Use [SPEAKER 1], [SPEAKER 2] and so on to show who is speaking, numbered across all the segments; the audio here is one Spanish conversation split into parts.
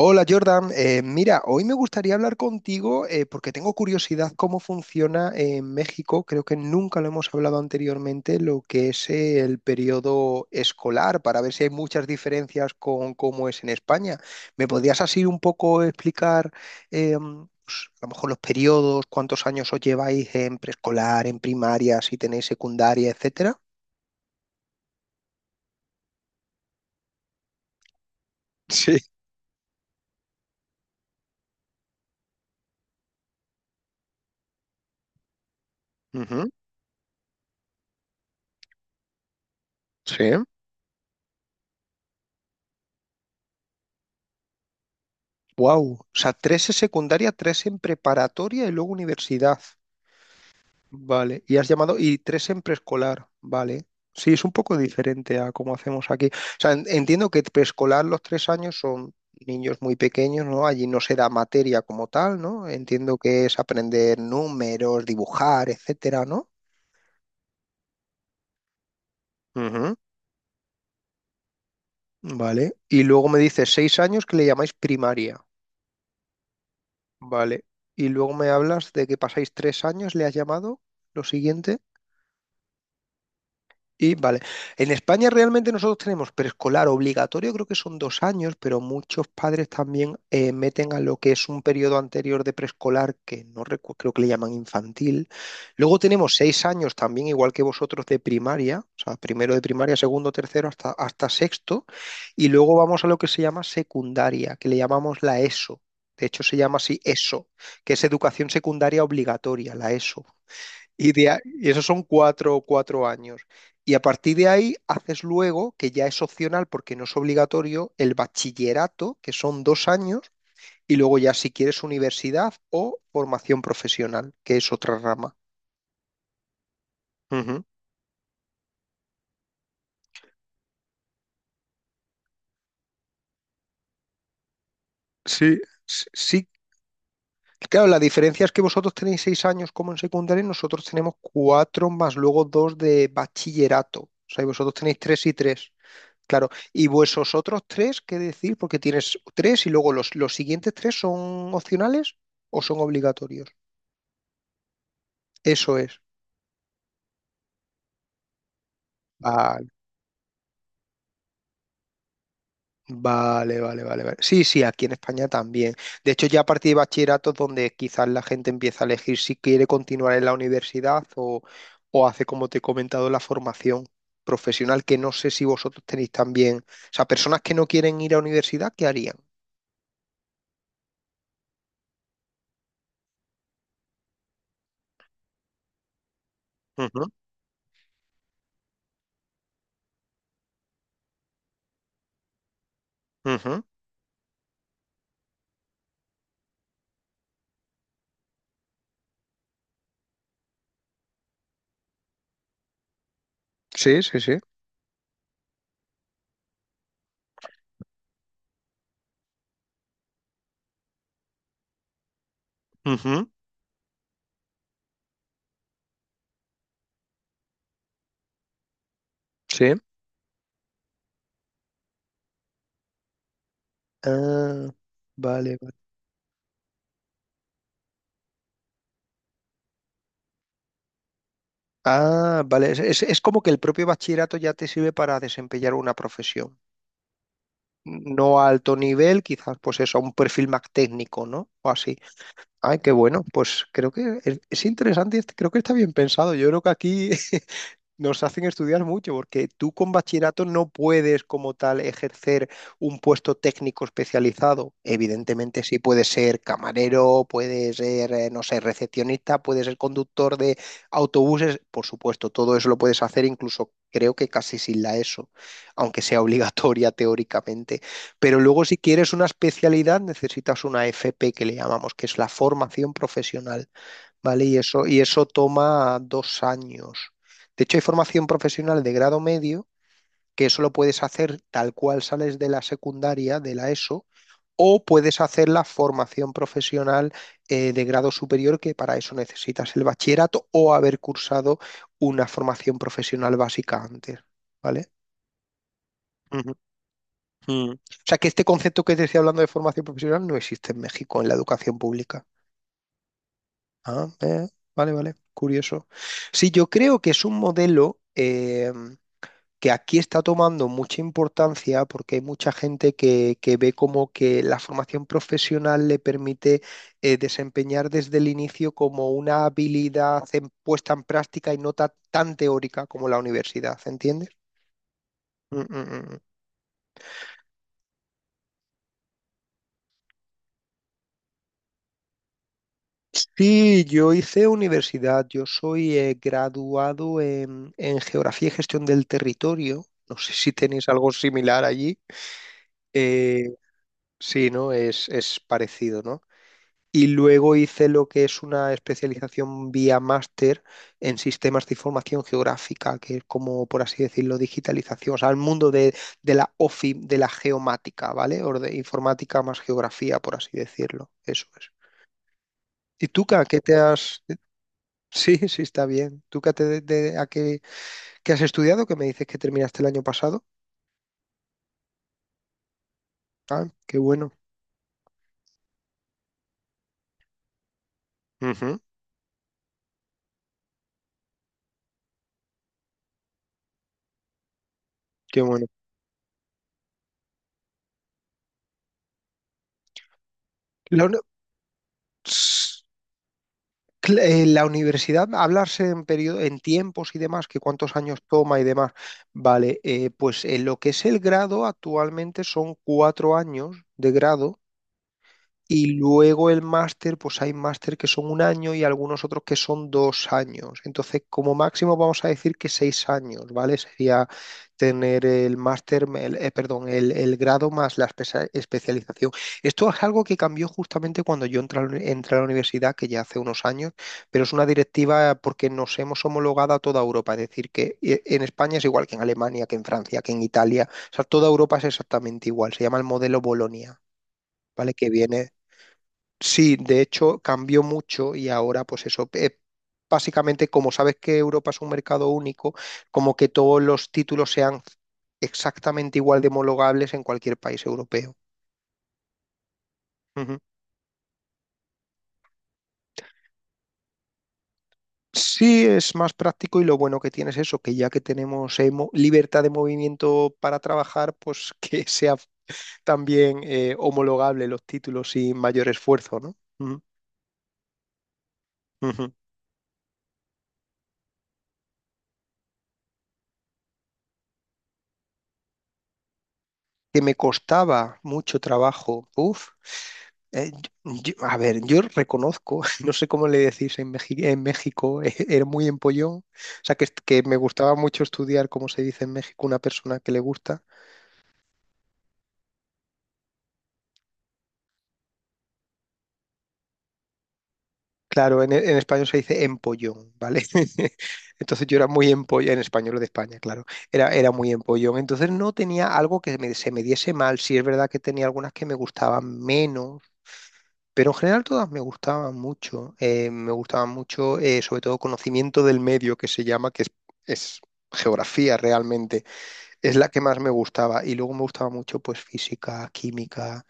[SPEAKER 1] Hola Jordan. Mira, hoy me gustaría hablar contigo porque tengo curiosidad cómo funciona en México. Creo que nunca lo hemos hablado anteriormente, lo que es el periodo escolar, para ver si hay muchas diferencias con cómo es en España. ¿Me podrías así un poco explicar eh, pues, a lo mejor los periodos, cuántos años os lleváis en preescolar, en primaria, si tenéis secundaria, etcétera? Sí. Ujú. Sí. Wow, o sea, tres en secundaria, tres en preparatoria y luego universidad. Vale, y has llamado, y tres en preescolar, vale. Sí, es un poco diferente a cómo hacemos aquí. O sea, entiendo que preescolar los tres años son niños muy pequeños, ¿no? Allí no se da materia como tal, ¿no? Entiendo que es aprender números, dibujar, etcétera, ¿no? Ujú. Vale. Y luego me dices seis años que le llamáis primaria, vale. Y luego me hablas de que pasáis tres años, ¿le has llamado? Lo siguiente. Y vale, en España realmente nosotros tenemos preescolar obligatorio, creo que son dos años, pero muchos padres también meten a lo que es un periodo anterior de preescolar, que no recu- creo que le llaman infantil. Luego tenemos seis años también, igual que vosotros, de primaria, o sea, primero de primaria, segundo, tercero, hasta, hasta sexto. Y luego vamos a lo que se llama secundaria, que le llamamos la ESO. De hecho, se llama así ESO, que es educación secundaria obligatoria, la ESO. Y, y esos son cuatro, cuatro años. Y a partir de ahí haces luego, que ya es opcional porque no es obligatorio, el bachillerato, que son dos años, y luego ya si quieres universidad o formación profesional, que es otra rama. Ujú. Sí, sí. Claro, la diferencia es que vosotros tenéis seis años como en secundaria y nosotros tenemos cuatro más luego dos de bachillerato. O sea, y vosotros tenéis tres y tres. Claro, y vuesos otros tres, ¿qué decir? Porque tienes tres y luego los siguientes tres son opcionales o son obligatorios. Eso es. Vale, vale, vale, vale, vale. Sí, sí, aquí en España también. De hecho, ya a partir de bachillerato es donde quizás la gente empieza a elegir si quiere continuar en la universidad o hace, como te he comentado, la formación profesional, que no sé si vosotros tenéis también. O sea, personas que no quieren ir a universidad, ¿qué harían? Ujú, ujú. Sí, sí, sí. Ujú. Sí. Ah, vale, vale. Ah, vale. Es como que el propio bachillerato ya te sirve para desempeñar una profesión. No a alto nivel, quizás, pues eso, a un perfil más técnico, ¿no? O así. Ay, qué bueno. Pues creo que es interesante, y creo que está bien pensado. Yo creo que aquí nos hacen estudiar mucho porque tú con bachillerato no puedes como tal ejercer un puesto técnico especializado. Evidentemente sí puedes ser camarero, puedes ser, no sé, recepcionista, puedes ser conductor de autobuses. Por supuesto, todo eso lo puedes hacer incluso creo que casi sin la ESO, aunque sea obligatoria teóricamente. Pero luego si quieres una especialidad necesitas una FP que le llamamos, que es la formación profesional. ¿Vale? Y eso toma dos años. De hecho, hay formación profesional de grado medio que eso lo puedes hacer tal cual sales de la secundaria, de la ESO, o puedes hacer la formación profesional de grado superior, que para eso necesitas el bachillerato o haber cursado una formación profesional básica antes, ¿vale? Ujú. Mm. O sea que este concepto que te estoy hablando de formación profesional no existe en México en la educación pública. Ah, vale, vale, curioso. Sí, yo creo que es un modelo que aquí está tomando mucha importancia porque hay mucha gente que ve como que la formación profesional le permite desempeñar desde el inicio como una habilidad puesta en práctica y no tan teórica como la universidad, ¿entiendes? Mm, mm, mm, mm. Sí, yo hice universidad, yo soy graduado en Geografía y Gestión del Territorio. No sé si tenéis algo similar allí. Eh, sí, ¿no? Es parecido, ¿no? Y luego hice lo que es una especialización vía máster en sistemas de información geográfica, que es como, por así decirlo, digitalización, o sea, el mundo de la OFI, de la geomática, ¿vale? O de informática más geografía, por así decirlo. Eso es. ¿Y tú, Ka, qué te has, sí, sí, está bien? ¿Tú qué, te, de, a qué, qué has estudiado? Que me dices que terminaste el año pasado. Ah, qué bueno. Ujú, qué bueno. La, uni- Ss, la universidad, hablarse en periodo, en tiempos y demás, que cuántos años toma y demás. Vale, pues en lo que es el grado, actualmente son cuatro años de grado. Y luego el máster, pues hay máster que son un año y algunos otros que son dos años. Entonces, como máximo vamos a decir que seis años, ¿vale? Sería tener el máster, perdón, el grado más la especialización. Esto es algo que cambió justamente cuando yo entré, a la entré a la universidad, que ya hace unos años, pero es una directiva porque nos hemos homologado a toda Europa. Es decir, que en España es igual que en Alemania, que en Francia, que en Italia. O sea, toda Europa es exactamente igual. Se llama el modelo Bolonia, ¿vale? Que viene... Sí, de hecho cambió mucho y ahora pues eso, básicamente como sabes que Europa es un mercado único, como que todos los títulos sean exactamente igual de homologables en cualquier país europeo. Ujú. Sí, es más práctico y lo bueno que tiene es eso, que ya que tenemos libertad de movimiento para trabajar, pues que sea también homologable los títulos sin mayor esfuerzo, ¿no? Ujú, ujú. Que me costaba mucho trabajo, uf, Eh, a ver, yo reconozco, no sé cómo le decís en México, era muy empollón. O sea, que me gustaba mucho estudiar cómo se dice en México una persona que le gusta. Claro, en español se dice empollón, ¿vale? Entonces yo era muy empollón, en español de España, claro, era muy empollón. Entonces no tenía algo que se me diese mal. Sí es verdad que tenía algunas que me gustaban menos. Pero en general todas me gustaban mucho. Me gustaban mucho, sobre todo, conocimiento del medio, que se llama, es geografía realmente. Es la que más me gustaba. Y luego me gustaba mucho, pues, física, química,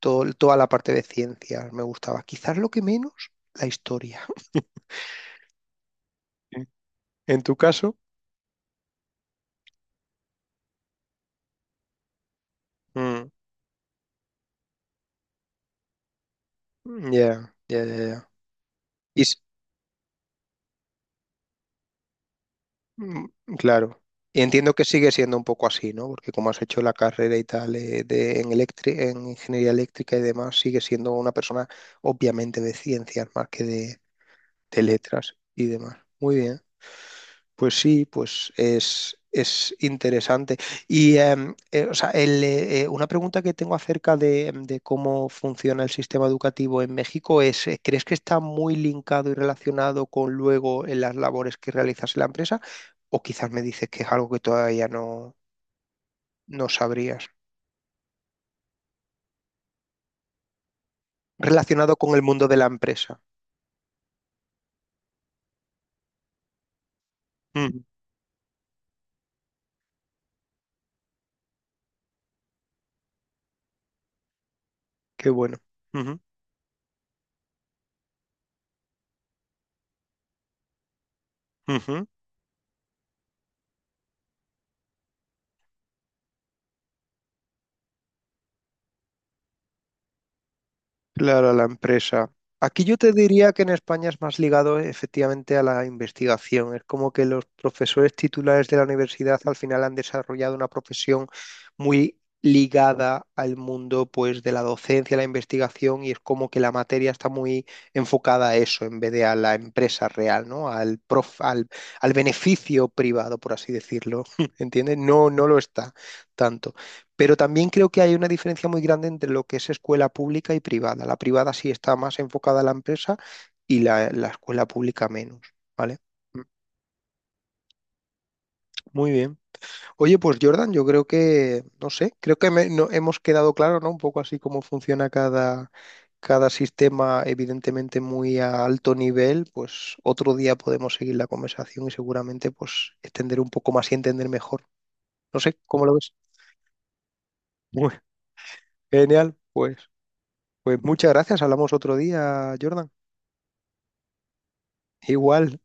[SPEAKER 1] toda la parte de ciencias me gustaba. Quizás lo que menos, la historia. ¿En tu caso? Mm, ya, ya, ya, ya. Y s- Mm. Claro. Y entiendo que sigue siendo un poco así, ¿no? Porque como has hecho la carrera y tal en en ingeniería eléctrica y demás, sigue siendo una persona obviamente de ciencias más que de letras y demás. Muy bien. Pues sí, pues es interesante. Y o sea, una pregunta que tengo acerca de, de cómo funciona el sistema educativo en México es, ¿crees que está muy linkado y relacionado con luego las labores que realizas en la empresa? O quizás me dices que es algo que todavía no, no sabrías. Relacionado con el mundo de la empresa. Mm, qué bueno. Ujú, ujú. Claro, a la empresa. Aquí yo te diría que en España es más ligado efectivamente a la investigación. Es como que los profesores titulares de la universidad al final han desarrollado una profesión muy ligada al mundo pues de la docencia, la investigación y es como que la materia está muy enfocada a eso en vez de a la empresa real, ¿no? Al beneficio privado, por así decirlo. ¿Entiendes? No, no lo está tanto. Pero también creo que hay una diferencia muy grande entre lo que es escuela pública y privada. La privada sí está más enfocada a la empresa y la escuela pública menos, ¿vale? Mm. Muy bien. Oye, pues Jordan, yo creo que, no sé, creo que hemos quedado claro, ¿no? Un poco así cómo funciona cada, cada sistema, evidentemente muy a alto nivel. Pues otro día podemos seguir la conversación y seguramente pues extender un poco más y entender mejor. No sé, ¿cómo lo ves? Muy genial, pues. Pues muchas gracias, hablamos otro día, Jordan. Igual.